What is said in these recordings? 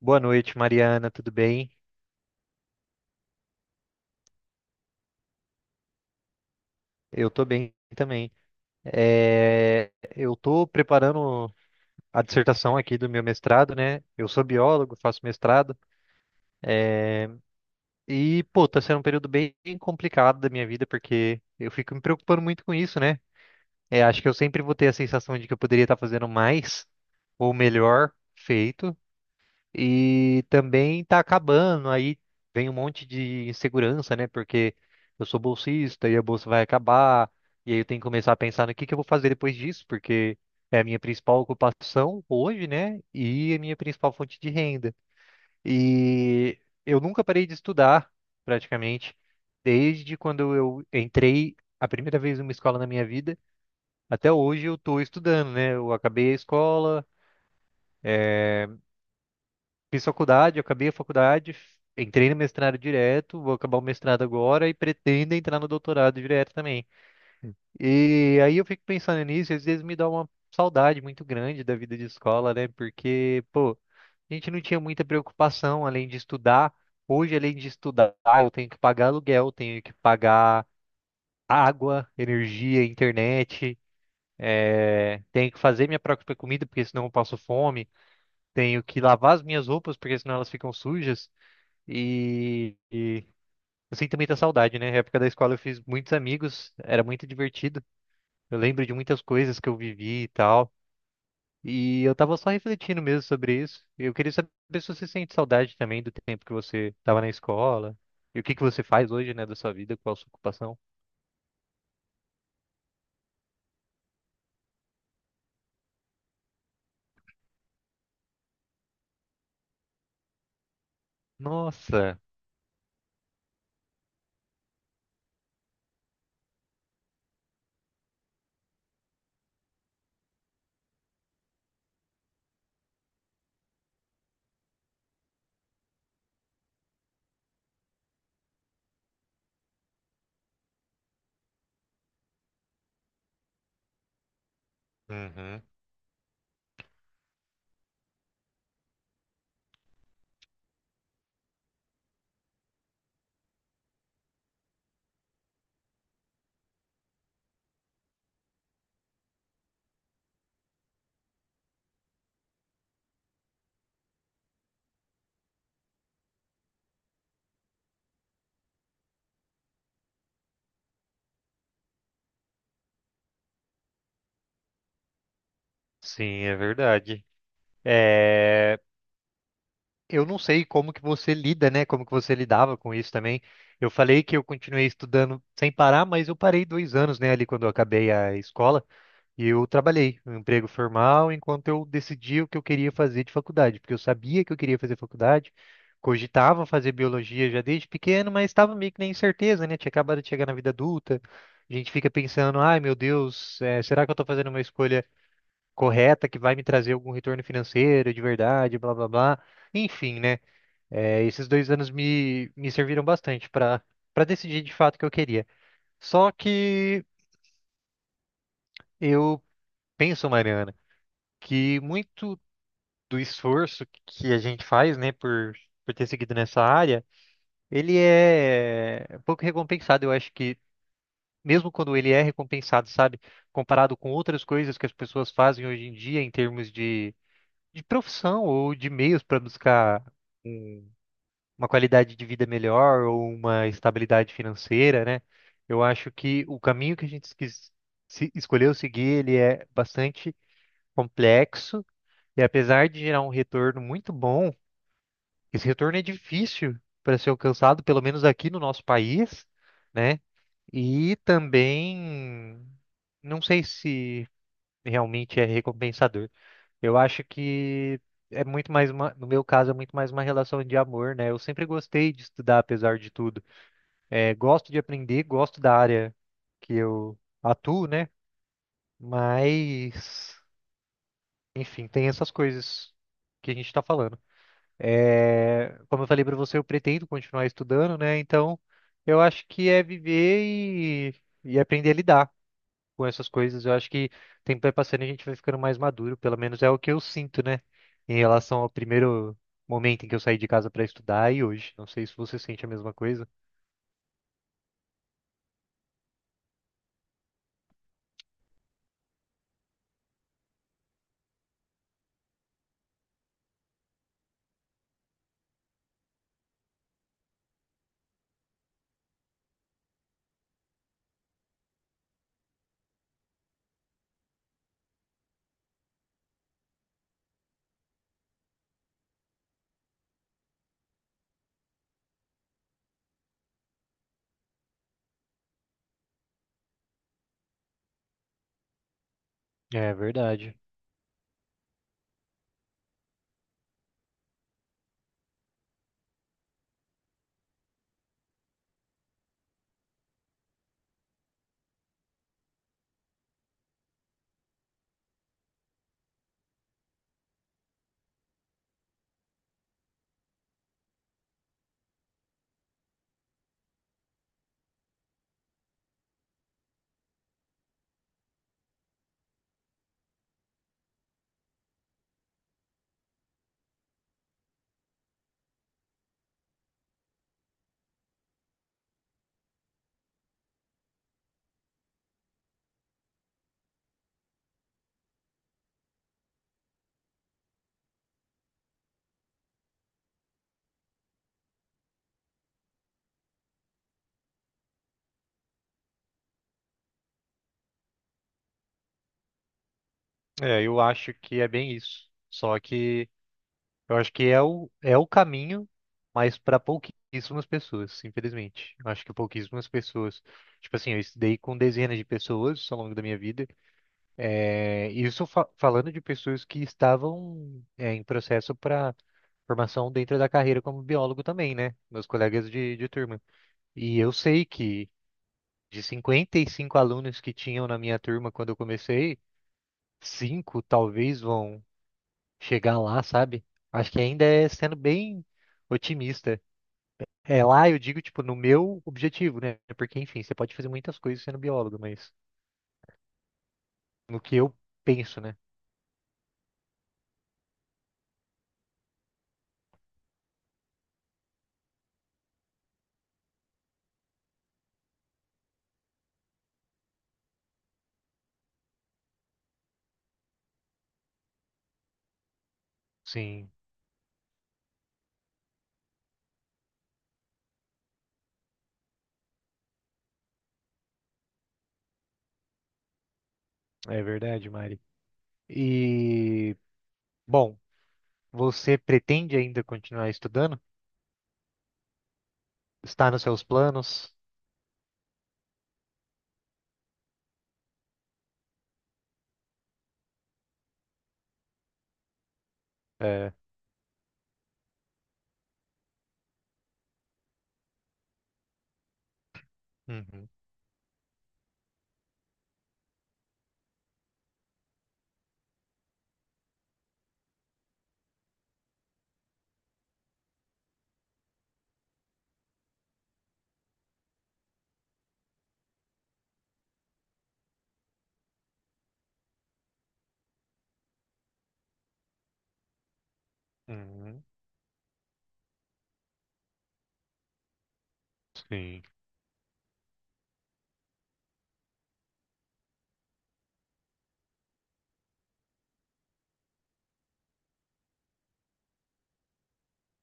Boa noite, Mariana, tudo bem? Eu tô bem também. É, eu tô preparando a dissertação aqui do meu mestrado, né? Eu sou biólogo, faço mestrado e, pô, tá sendo um período bem complicado da minha vida porque eu fico me preocupando muito com isso, né? É, acho que eu sempre vou ter a sensação de que eu poderia estar fazendo mais ou melhor feito. E também tá acabando, aí vem um monte de insegurança, né? Porque eu sou bolsista e a bolsa vai acabar, e aí eu tenho que começar a pensar no que eu vou fazer depois disso, porque é a minha principal ocupação hoje, né? E a minha principal fonte de renda. E eu nunca parei de estudar, praticamente, desde quando eu entrei a primeira vez numa escola na minha vida, até hoje eu tô estudando, né? Eu acabei a escola. eh, Fiz faculdade, acabei a faculdade, entrei no mestrado direto, vou acabar o mestrado agora e pretendo entrar no doutorado direto também. E aí eu fico pensando nisso, e às vezes me dá uma saudade muito grande da vida de escola, né? Porque, pô, a gente não tinha muita preocupação além de estudar. Hoje, além de estudar, eu tenho que pagar aluguel, tenho que pagar água, energia, internet, tenho que fazer minha própria comida, porque senão eu passo fome, tenho que lavar as minhas roupas, porque senão elas ficam sujas. E eu sinto muita saudade, né? Na época da escola eu fiz muitos amigos, era muito divertido. Eu lembro de muitas coisas que eu vivi e tal. E eu tava só refletindo mesmo sobre isso. Eu queria saber se você sente saudade também do tempo que você tava na escola. E o que que você faz hoje, né, da sua vida, qual a sua ocupação? Nossa! Uhum. Sim, é verdade. É. Eu não sei como que você lida, né? Como que você lidava com isso também. Eu falei que eu continuei estudando sem parar, mas eu parei dois anos, né? Ali quando eu acabei a escola e eu trabalhei um emprego formal enquanto eu decidia o que eu queria fazer de faculdade, porque eu sabia que eu queria fazer faculdade, cogitava fazer biologia já desde pequeno, mas estava meio que na incerteza, né? Tinha acabado de chegar na vida adulta, a gente fica pensando, ai meu Deus, será que eu estou fazendo uma escolha correta que vai me trazer algum retorno financeiro de verdade, blá blá blá. Enfim, né? É, esses dois anos me serviram bastante para decidir de fato o que eu queria. Só que eu penso, Mariana, que muito do esforço que a gente faz, né, por ter seguido nessa área, ele é um pouco recompensado. Eu acho que mesmo quando ele é recompensado, sabe, comparado com outras coisas que as pessoas fazem hoje em dia em termos de, profissão ou de meios para buscar um uma qualidade de vida melhor ou uma estabilidade financeira, né? Eu acho que o caminho que a gente escolheu seguir, ele é bastante complexo e apesar de gerar um retorno muito bom, esse retorno é difícil para ser alcançado, pelo menos aqui no nosso país, né? E também não sei se realmente é recompensador. Eu acho que é muito mais uma, no meu caso, é muito mais uma relação de amor, né? Eu sempre gostei de estudar, apesar de tudo. É, gosto de aprender, gosto da área que eu atuo, né? Mas, enfim, tem essas coisas que a gente está falando. É, como eu falei para você, eu pretendo continuar estudando, né? Então, eu acho que é viver e aprender a lidar com essas coisas. Eu acho que o tempo vai passando e a gente vai ficando mais maduro, pelo menos é o que eu sinto, né? Em relação ao primeiro momento em que eu saí de casa para estudar e hoje. Não sei se você sente a mesma coisa. É verdade. É, eu acho que é bem isso. Só que eu acho que é o caminho, mas para pouquíssimas pessoas, infelizmente. Eu acho que pouquíssimas pessoas. Tipo assim, eu estudei com dezenas de pessoas ao longo da minha vida. É, isso falando de pessoas que estavam, em processo para formação dentro da carreira como biólogo também, né? Meus colegas de, turma. E eu sei que de 55 alunos que tinham na minha turma quando eu comecei, cinco talvez vão chegar lá, sabe? Acho que ainda é sendo bem otimista. É, lá eu digo, tipo, no meu objetivo, né? Porque, enfim, você pode fazer muitas coisas sendo biólogo, mas no que eu penso, né? Sim, é verdade, Mari. E, bom, você pretende ainda continuar estudando? Está nos seus planos? É. Uhum, uhum. Sim,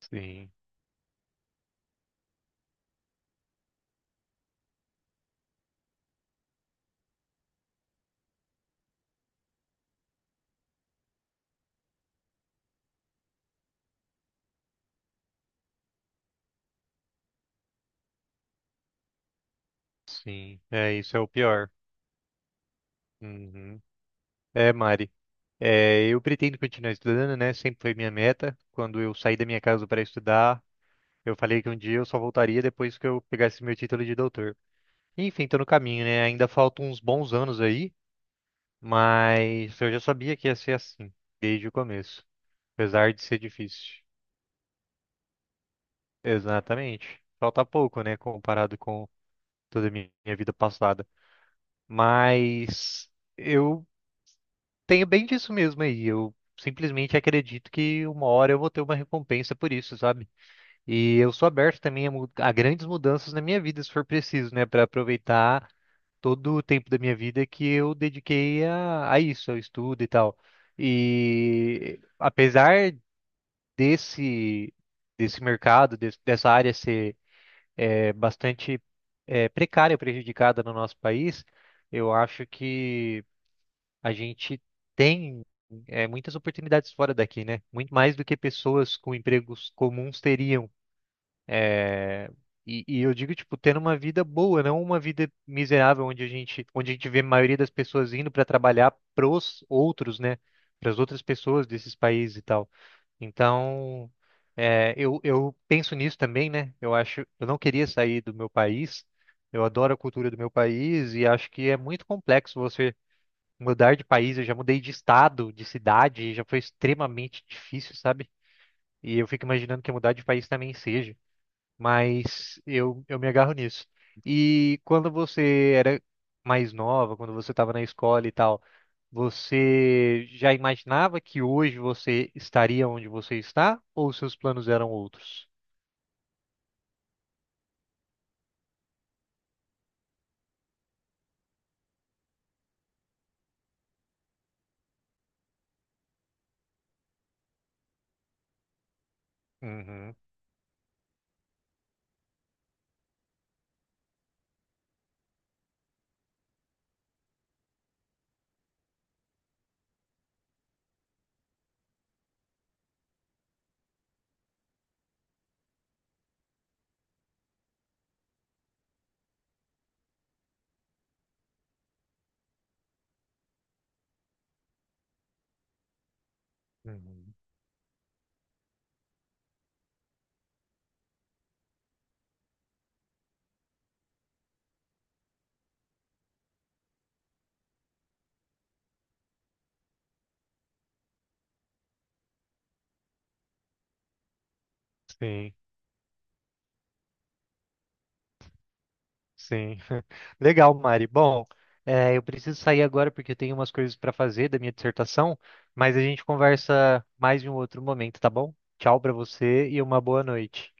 sim, sim. É, isso é o pior. Uhum. É, Mari. É, eu pretendo continuar estudando, né? Sempre foi minha meta. Quando eu saí da minha casa para estudar, eu falei que um dia eu só voltaria depois que eu pegasse meu título de doutor. Enfim, tô no caminho, né? Ainda faltam uns bons anos aí, mas eu já sabia que ia ser assim, desde o começo, apesar de ser difícil. Exatamente. Falta pouco, né? Comparado com toda a minha vida passada. Mas eu tenho bem disso mesmo aí. Eu simplesmente acredito que uma hora eu vou ter uma recompensa por isso, sabe? E eu sou aberto também a grandes mudanças na minha vida, se for preciso, né? Para aproveitar todo o tempo da minha vida que eu dediquei a isso, ao estudo e tal. E apesar desse, desse mercado, des- dessa área ser bastante precária, prejudicada no nosso país, eu acho que a gente tem muitas oportunidades fora daqui, né? Muito mais do que pessoas com empregos comuns teriam. eh, e eu digo, tipo, tendo uma vida boa, não uma vida miserável, onde a gente vê a maioria das pessoas indo para trabalhar pros outros, né? Para as outras pessoas desses países e tal. Então, eu penso nisso também, né? Eu acho, eu não queria sair do meu país. Eu adoro a cultura do meu país e acho que é muito complexo você mudar de país, eu já mudei de estado, de cidade, e já foi extremamente difícil, sabe? E eu fico imaginando que mudar de país também seja, mas eu me agarro nisso. E quando você era mais nova, quando você estava na escola e tal, você já imaginava que hoje você estaria onde você está, ou seus planos eram outros? Uhum, uhum. Sim. Sim. Legal, Mari. Bom, eu preciso sair agora porque eu tenho umas coisas para fazer da minha dissertação, mas a gente conversa mais em um outro momento, tá bom? Tchau para você e uma boa noite.